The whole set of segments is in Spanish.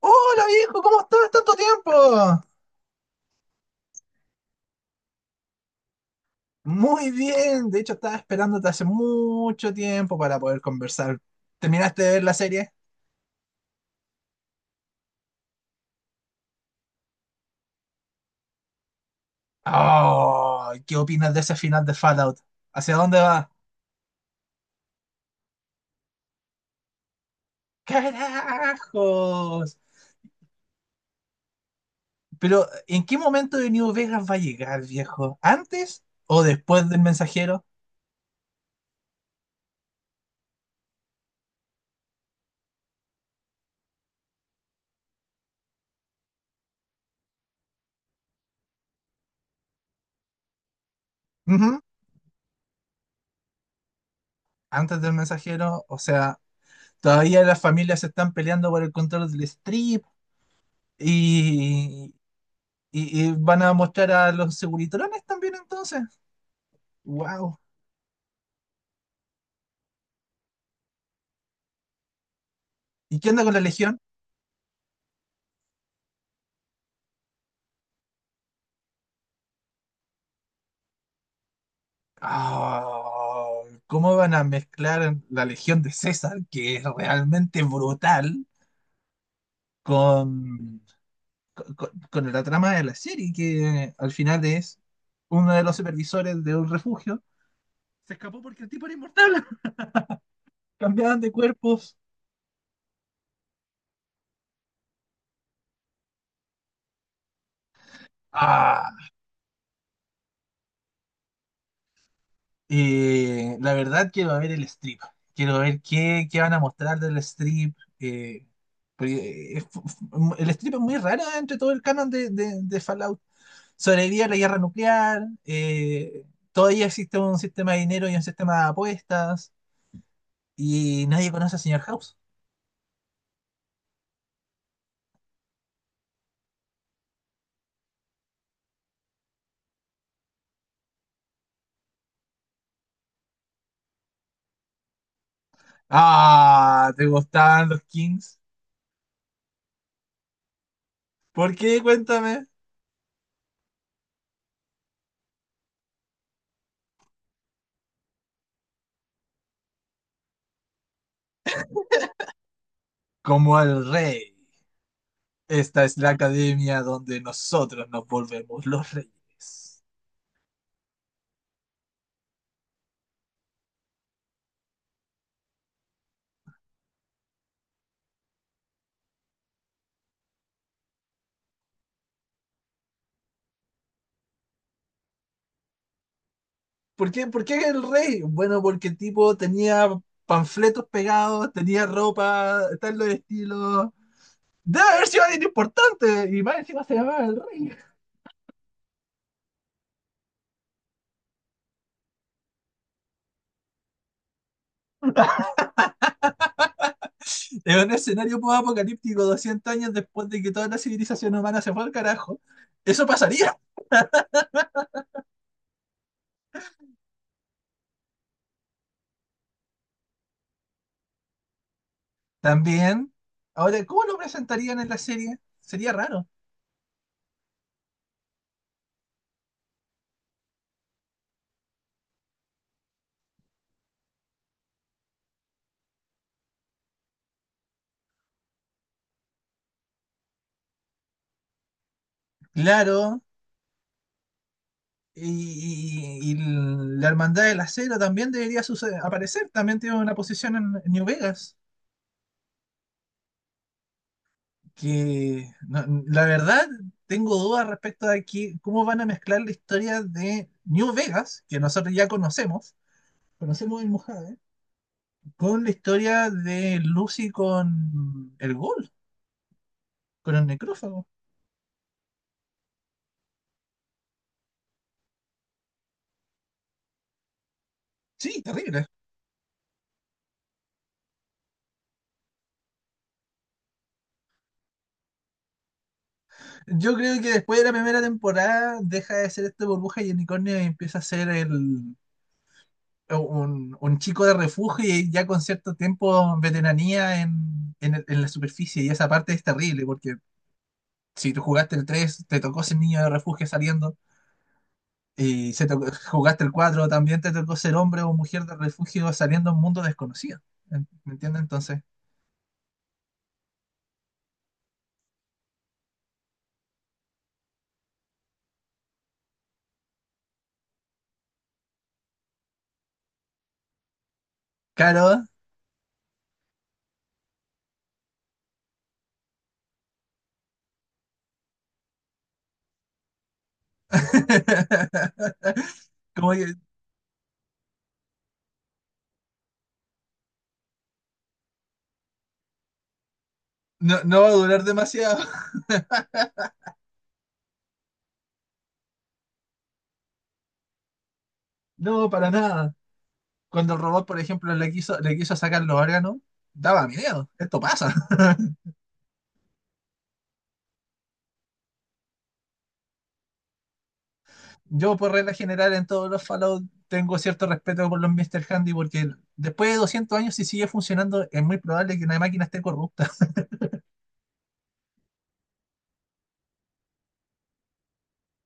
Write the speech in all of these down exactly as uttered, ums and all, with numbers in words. Hola viejo, ¿cómo estás? ¿Tanto tiempo? Muy bien, de hecho estaba esperándote hace mucho tiempo para poder conversar. ¿Terminaste de ver la serie? Oh, ¿qué opinas de ese final de Fallout? ¿Hacia dónde va? ¡Carajos! Pero, ¿en qué momento de New Vegas va a llegar, viejo? ¿Antes o después del mensajero? Ujú. Antes del mensajero, o sea, todavía las familias se están peleando por el control del strip. Y, Y, y van a mostrar a los seguritrones también entonces. Wow. ¿Y qué onda con la Legión? Ah, ¿cómo van a mezclar la Legión de César, que es realmente brutal, con, con, con la trama de la serie, que al final es uno de los supervisores de un refugio? Se escapó porque el tipo era inmortal. Cambiaban de cuerpos. Ah, Eh, la verdad quiero ver el strip. Quiero ver qué, qué van a mostrar del strip. eh, porque es fu- fu- el strip es muy raro entre todo el canon de, de- de Fallout. Sobrevive a la guerra nuclear. eh, todavía existe un sistema de dinero y un sistema de apuestas. Y nadie conoce al señor House. Ah, ¿te gustaban los Kings? ¿Por qué? Cuéntame. Como el rey. Esta es la academia donde nosotros nos volvemos los reyes. ¿Por qué, por qué el rey? Bueno, porque el tipo tenía panfletos pegados, tenía ropa, tal los estilos. Debe haber sido alguien importante y más encima se llamaba el rey. En un escenario post-apocalíptico doscientos años después de que toda la civilización humana se fue al carajo, eso pasaría. También, ahora, ¿cómo lo presentarían en la serie? Sería raro. Claro, y, y- y la hermandad del acero también debería suce- aparecer, también tiene una posición en en New Vegas. Que no- la verdad tengo dudas respecto a que, cómo van a mezclar la historia de New Vegas, que nosotros ya conocemos, conocemos el Mojave, con la historia de Lucy con el Ghoul, con el necrófago. Sí, terrible. Yo creo que después de la primera temporada deja de ser este burbuja y el unicornio y empieza a ser el, un, un chico de refugio y ya con cierto tiempo veteranía en, en, el- en la superficie. Y esa parte es terrible porque si tú jugaste el tres te tocó ser niño de refugio saliendo. Y si te- jugaste el cuatro también te tocó ser hombre o mujer de refugio saliendo a un mundo desconocido. ¿En- ¿Me entiendes? Entonces, claro, como que no, no va a durar demasiado. No, para nada. Cuando el robot, por ejemplo, le quiso, le quiso sacar los órganos, daba miedo. Esto pasa. Yo, por regla general, en todos los Fallout tengo cierto respeto por los mister Handy porque después de doscientos años, si sigue funcionando, es muy probable que una máquina esté corrupta.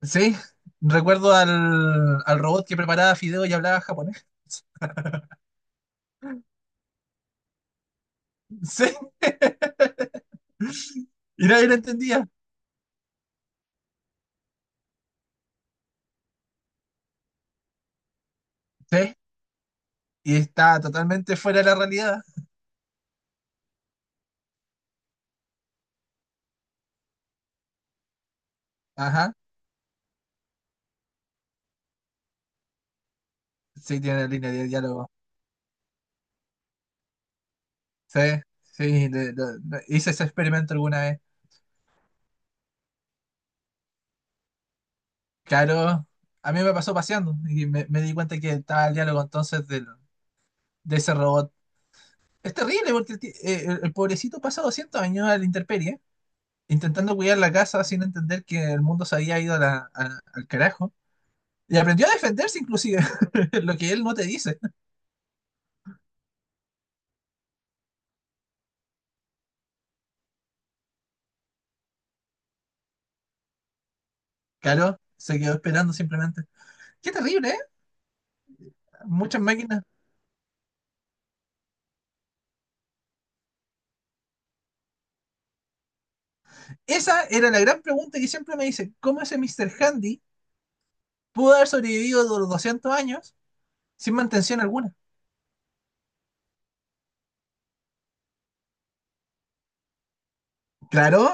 Sí, recuerdo al, al robot que preparaba fideos y hablaba japonés. Sí, y nadie lo entendía. Sí, y está totalmente fuera de la realidad. Ajá, sí, tiene línea de diálogo. Sí, sí, le- lo- lo- hice ese experimento alguna vez. Claro, a mí me pasó paseando y me, me di cuenta que estaba el diálogo entonces del- de ese robot. Es terrible porque el, ti- eh, el- el pobrecito pasa doscientos años a la intemperie, intentando cuidar la casa sin entender que el mundo se había ido a la- a- al carajo. Y aprendió a defenderse inclusive, lo que él no te dice. Claro, se quedó esperando simplemente. Qué terrible, ¿eh? Muchas máquinas. Esa era la gran pregunta que siempre me dicen, ¿cómo ese mister Handy pudo haber sobrevivido de los doscientos años sin mantención alguna? Claro,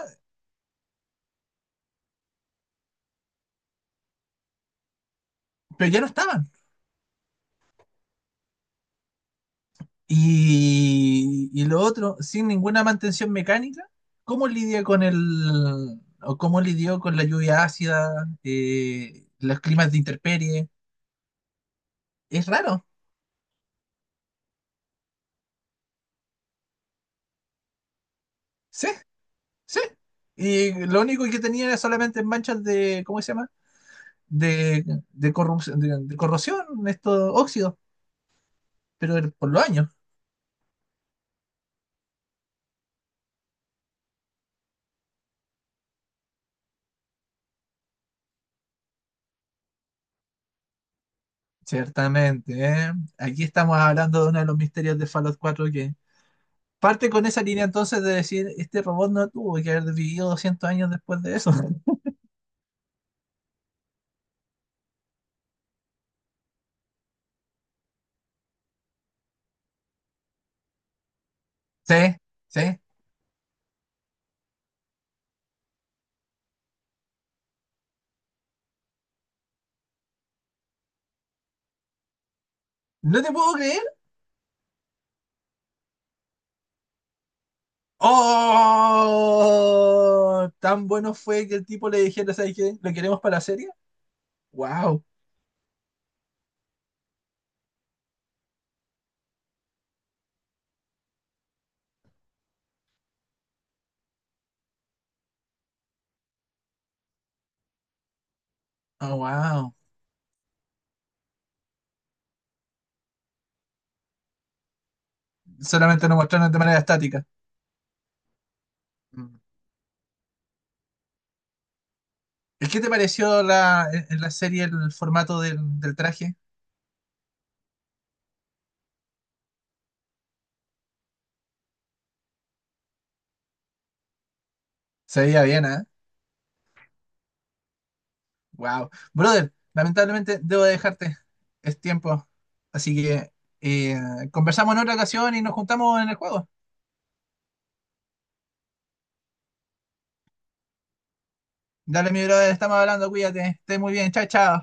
pero ya no estaban. Y, y lo otro, sin ninguna mantención mecánica, ¿cómo lidia con el... o cómo lidió con la lluvia ácida, eh, los climas de intemperie? Es raro. Sí, sí. Y lo único que tenía era solamente manchas de, ¿cómo se llama? De, de corrupción, de, de corrosión, estos óxidos, pero el- por los años. Ciertamente, ¿eh? Aquí estamos hablando de uno de los misterios de Fallout cuatro que parte con esa línea entonces de decir, este robot no tuvo que haber vivido doscientos años después de eso. Sí, sí. ¿No te puedo creer? ¡Oh! Tan bueno fue que el tipo le dijera, ¿sabes qué? ¿Lo queremos para la serie? ¡Wow! ¡Oh, wow! Solamente nos mostraron de manera estática. Mm. ¿Y ¿Qué te pareció la, en en la serie el formato del, del traje? Se veía bien, ¿eh? Wow. Brother, lamentablemente debo de dejarte. Es tiempo. Así que eh, conversamos en otra ocasión y nos juntamos en el juego. Dale, mi brother, estamos hablando, cuídate. Esté muy bien. Chao, chao.